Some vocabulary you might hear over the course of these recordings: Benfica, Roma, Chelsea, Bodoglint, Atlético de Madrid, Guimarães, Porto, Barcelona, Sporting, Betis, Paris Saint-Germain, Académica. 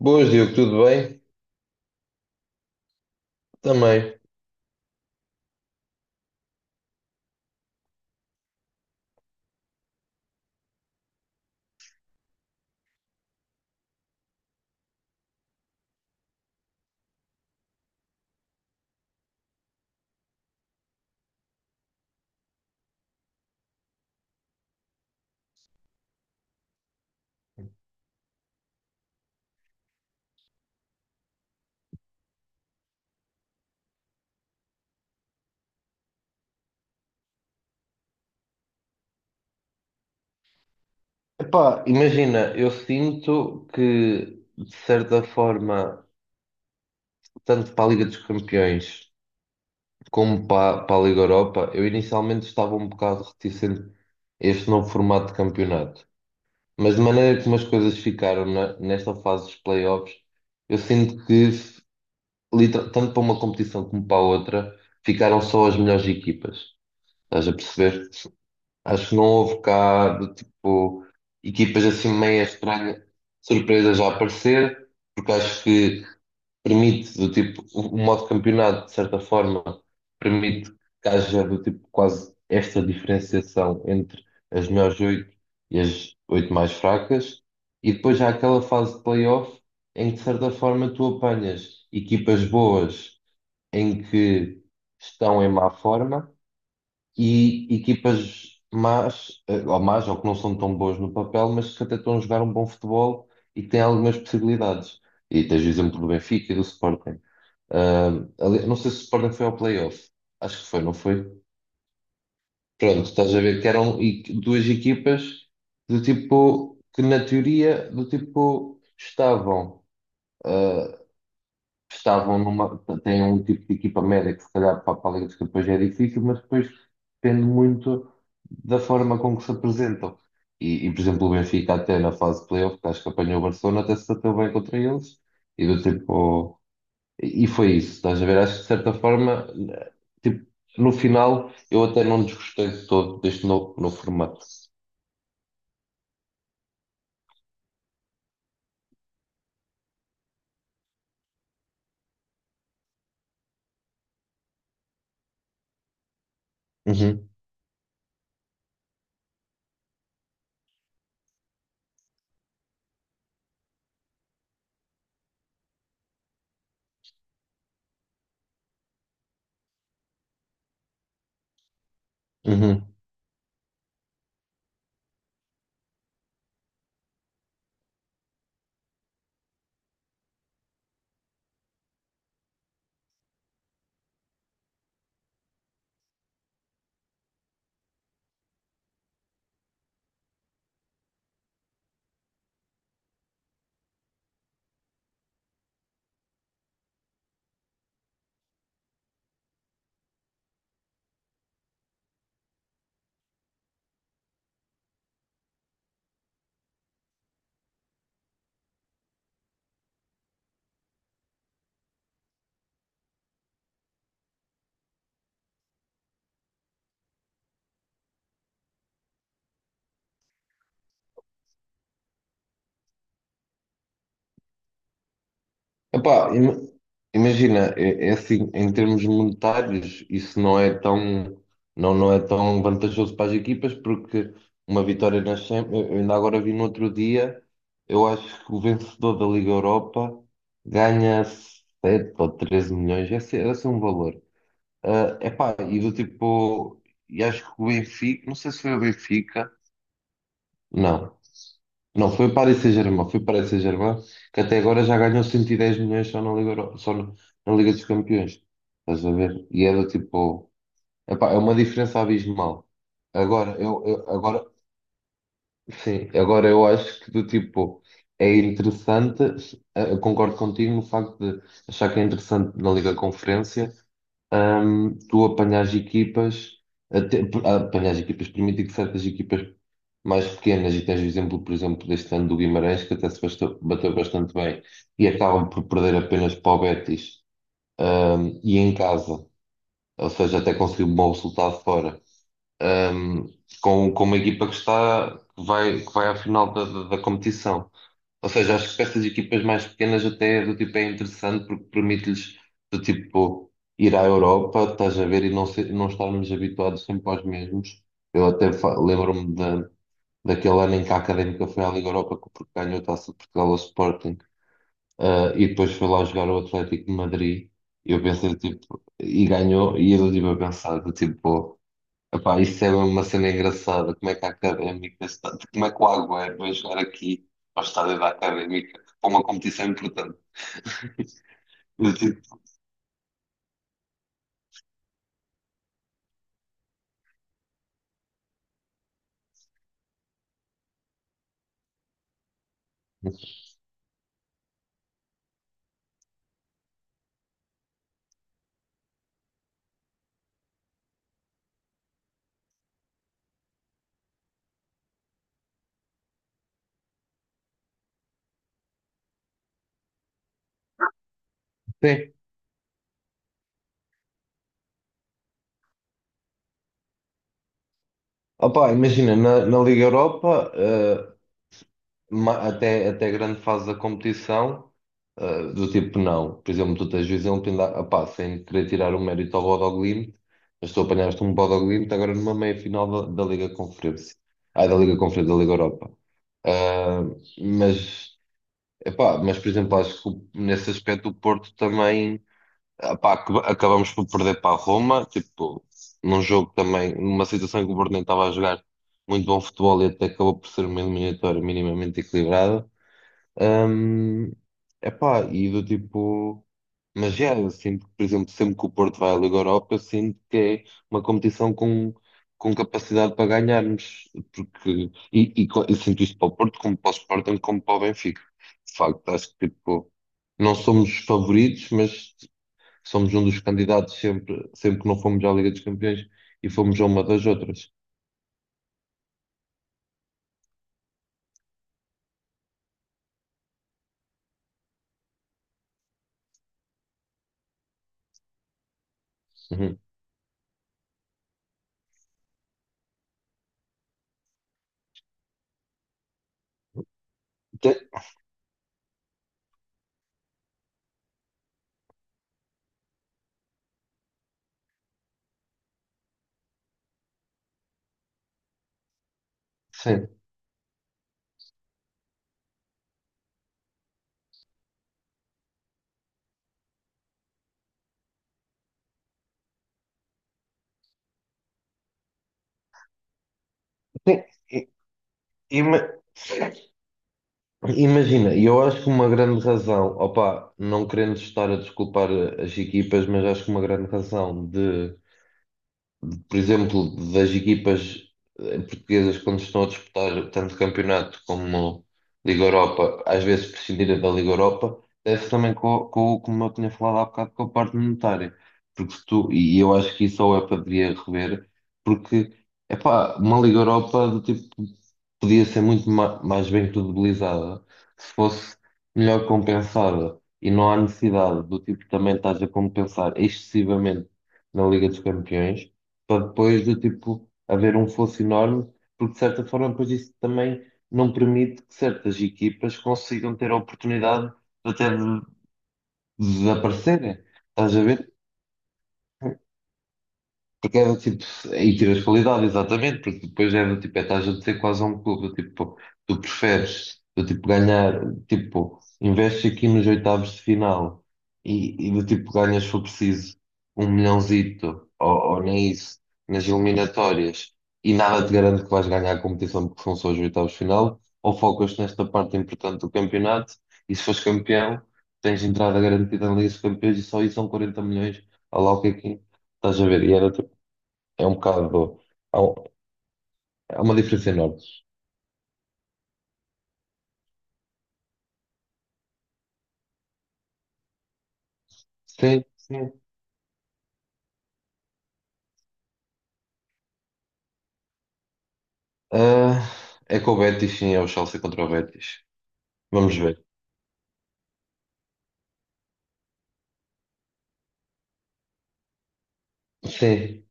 Boas, Diogo, tudo bem? Também. Epá, imagina, eu sinto que, de certa forma, tanto para a Liga dos Campeões como para a Liga Europa, eu inicialmente estava um bocado reticente a este novo formato de campeonato. Mas de maneira como as coisas ficaram nesta fase dos playoffs, eu sinto que, tanto para uma competição como para a outra, ficaram só as melhores equipas. Estás a perceber? Acho que não houve cá de tipo equipas assim meio estranhas, surpresas a aparecer, porque acho que permite do tipo, o modo campeonato, de certa forma, permite que haja do tipo quase esta diferenciação entre as melhores 8 e as 8 mais fracas, e depois há aquela fase de playoff em que de certa forma tu apanhas equipas boas em que estão em má forma e equipas más, ou más, ou que não são tão boas no papel, mas que até estão a jogar um bom futebol e que têm algumas possibilidades. E tens o exemplo do Benfica e do Sporting. Ah, não sei se o Sporting foi ao playoff. Acho que foi, não foi? Pronto, estás a ver que eram duas equipas do tipo que na teoria do tipo estavam. Ah, estavam numa, têm um tipo de equipa média que se calhar para a Liga dos Campeões é difícil, mas depois depende muito da forma com que se apresentam. E, por exemplo, o Benfica até na fase de playoff, que acho que apanhou o Barcelona, até se bateu bem contra eles, e do tipo, e foi isso, estás a ver? Acho que de certa forma, tipo, no final, eu até não desgostei de todo deste novo, novo formato. Uhum, uhum. Epá, imagina, é assim, em termos monetários, isso não é tão vantajoso para as equipas, porque uma vitória na Champions, eu ainda agora vi no outro dia, eu acho que o vencedor da Liga Europa ganha 7 ou 13 milhões, esse é um valor. Epá, e do tipo, e acho que o Benfica, não sei se foi o Benfica, não. Não, foi o Paris Saint-Germain, que até agora já ganhou 110 milhões só na Liga, Euro- só na, na Liga dos Campeões. Estás a ver? E é do tipo, epá, é uma diferença abismal. Agora, sim, agora eu acho que do tipo, é interessante, eu concordo contigo no facto de achar que é interessante na Liga Conferência, tu apanhas equipas, até, apanhas equipas, permite que certas equipas mais pequenas, e tens o exemplo, por exemplo, deste ano do Guimarães, que até se bateu bastante bem, e acabam por perder apenas para o Betis, e em casa, ou seja, até conseguiu um bom resultado fora, hum, com uma equipa que está, que vai à final da competição. Ou seja, acho que para estas equipas mais pequenas até do tipo é interessante porque permite-lhes do tipo ir à Europa, estás a ver, e não, ser, não estarmos habituados sempre aos mesmos. Eu até lembro-me da, daquele ano em que a Académica foi à Liga Europa que porque ganhou a Taça de Portugal ao Sporting, e depois foi lá jogar ao Atlético de Madrid. E eu pensei, tipo, e ganhou, e eu estive a pensar, do tipo, epá, isso é uma cena engraçada. Como é que a Académica está. Como é que o Agüero vai jogar aqui ao estádio da Académica para uma competição importante? Eu digo, sim. Opá, imagina, na Liga Europa, até a grande fase da competição, do tipo, não. Por exemplo, tu tens o exemplo, ainda, opá, sem querer tirar o mérito ao Bodoglint, mas tu apanhaste um Bodoglint agora numa meia-final da Liga Conferência. Ah, da Liga Conferência, da Liga Europa. Ah, mas Epá, mas por exemplo, acho que nesse aspecto o Porto também epá, acabamos por perder para a Roma, tipo, num jogo também, numa situação em que o Porto nem estava a jogar muito bom futebol e até acabou por ser uma eliminatória minimamente equilibrada. Hum, epá, e do tipo. Mas já, eu sinto que, por exemplo, sempre que o Porto vai à Liga Europa, eu sinto que é uma competição com, capacidade para ganharmos. Porque, eu sinto isto para o Porto, como para o Sporting, como para o Benfica. De facto, acho que tipo, não somos os favoritos, mas somos um dos candidatos sempre, sempre que não fomos à Liga dos Campeões e fomos a uma das outras. Uhum. Tem- Sim. Tem- e- e- mas- Imagina, e eu acho que uma grande razão, opa, não querendo estar a desculpar as equipas, mas acho que uma grande razão de por exemplo, das equipas portuguesas quando estão a disputar tanto campeonato como Liga Europa, às vezes prescindirem da Liga Europa, deve-se também, como eu tinha falado há bocado, com a parte monetária. Porque se tu, e eu acho que isso a UEFA deveria rever, porque, epá, uma Liga Europa do tipo podia ser muito mais bem credibilizada se fosse melhor compensada. E não há necessidade do tipo também estás a compensar excessivamente na Liga dos Campeões, para depois de tipo haver um fosso enorme, porque de certa forma depois isso também não permite que certas equipas consigam ter a oportunidade de até de desaparecerem. Estás a ver? Porque é do tipo, aí tiras qualidade, exatamente, porque depois é do tipo, é estás a dizer quase a um clube, do tipo, tu preferes, do tipo, ganhar, tipo, investes aqui nos oitavos de final e do tipo, ganhas se for preciso um milhãozito, ou nem isso, nas eliminatórias, e nada te garante que vais ganhar a competição porque são só os oitavos de final, ou focas nesta parte importante do campeonato, e se fores campeão, tens entrada garantida na Liga dos Campeões e só isso são 40 milhões, a lá o que é que é. Estás a ver? E era tipo é um bocado. Há, um- há uma diferença enorme. Sim, sim. Ah, é com o Betis, sim, é o Chelsea contra o Betis. Vamos ver. Sim,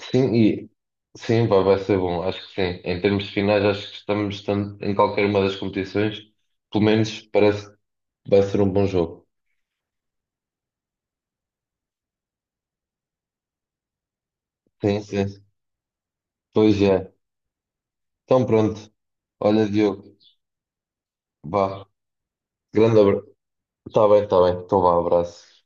sim, e sim, vai ser bom. Acho que sim. Em termos de finais, acho que estamos tanto em qualquer uma das competições. Pelo menos parece que vai ser um bom jogo. Sim, sim. Pois é. Então pronto. Olha, Diogo, vá. Grande abraço. Está bem, está bem. Então vá, abraço.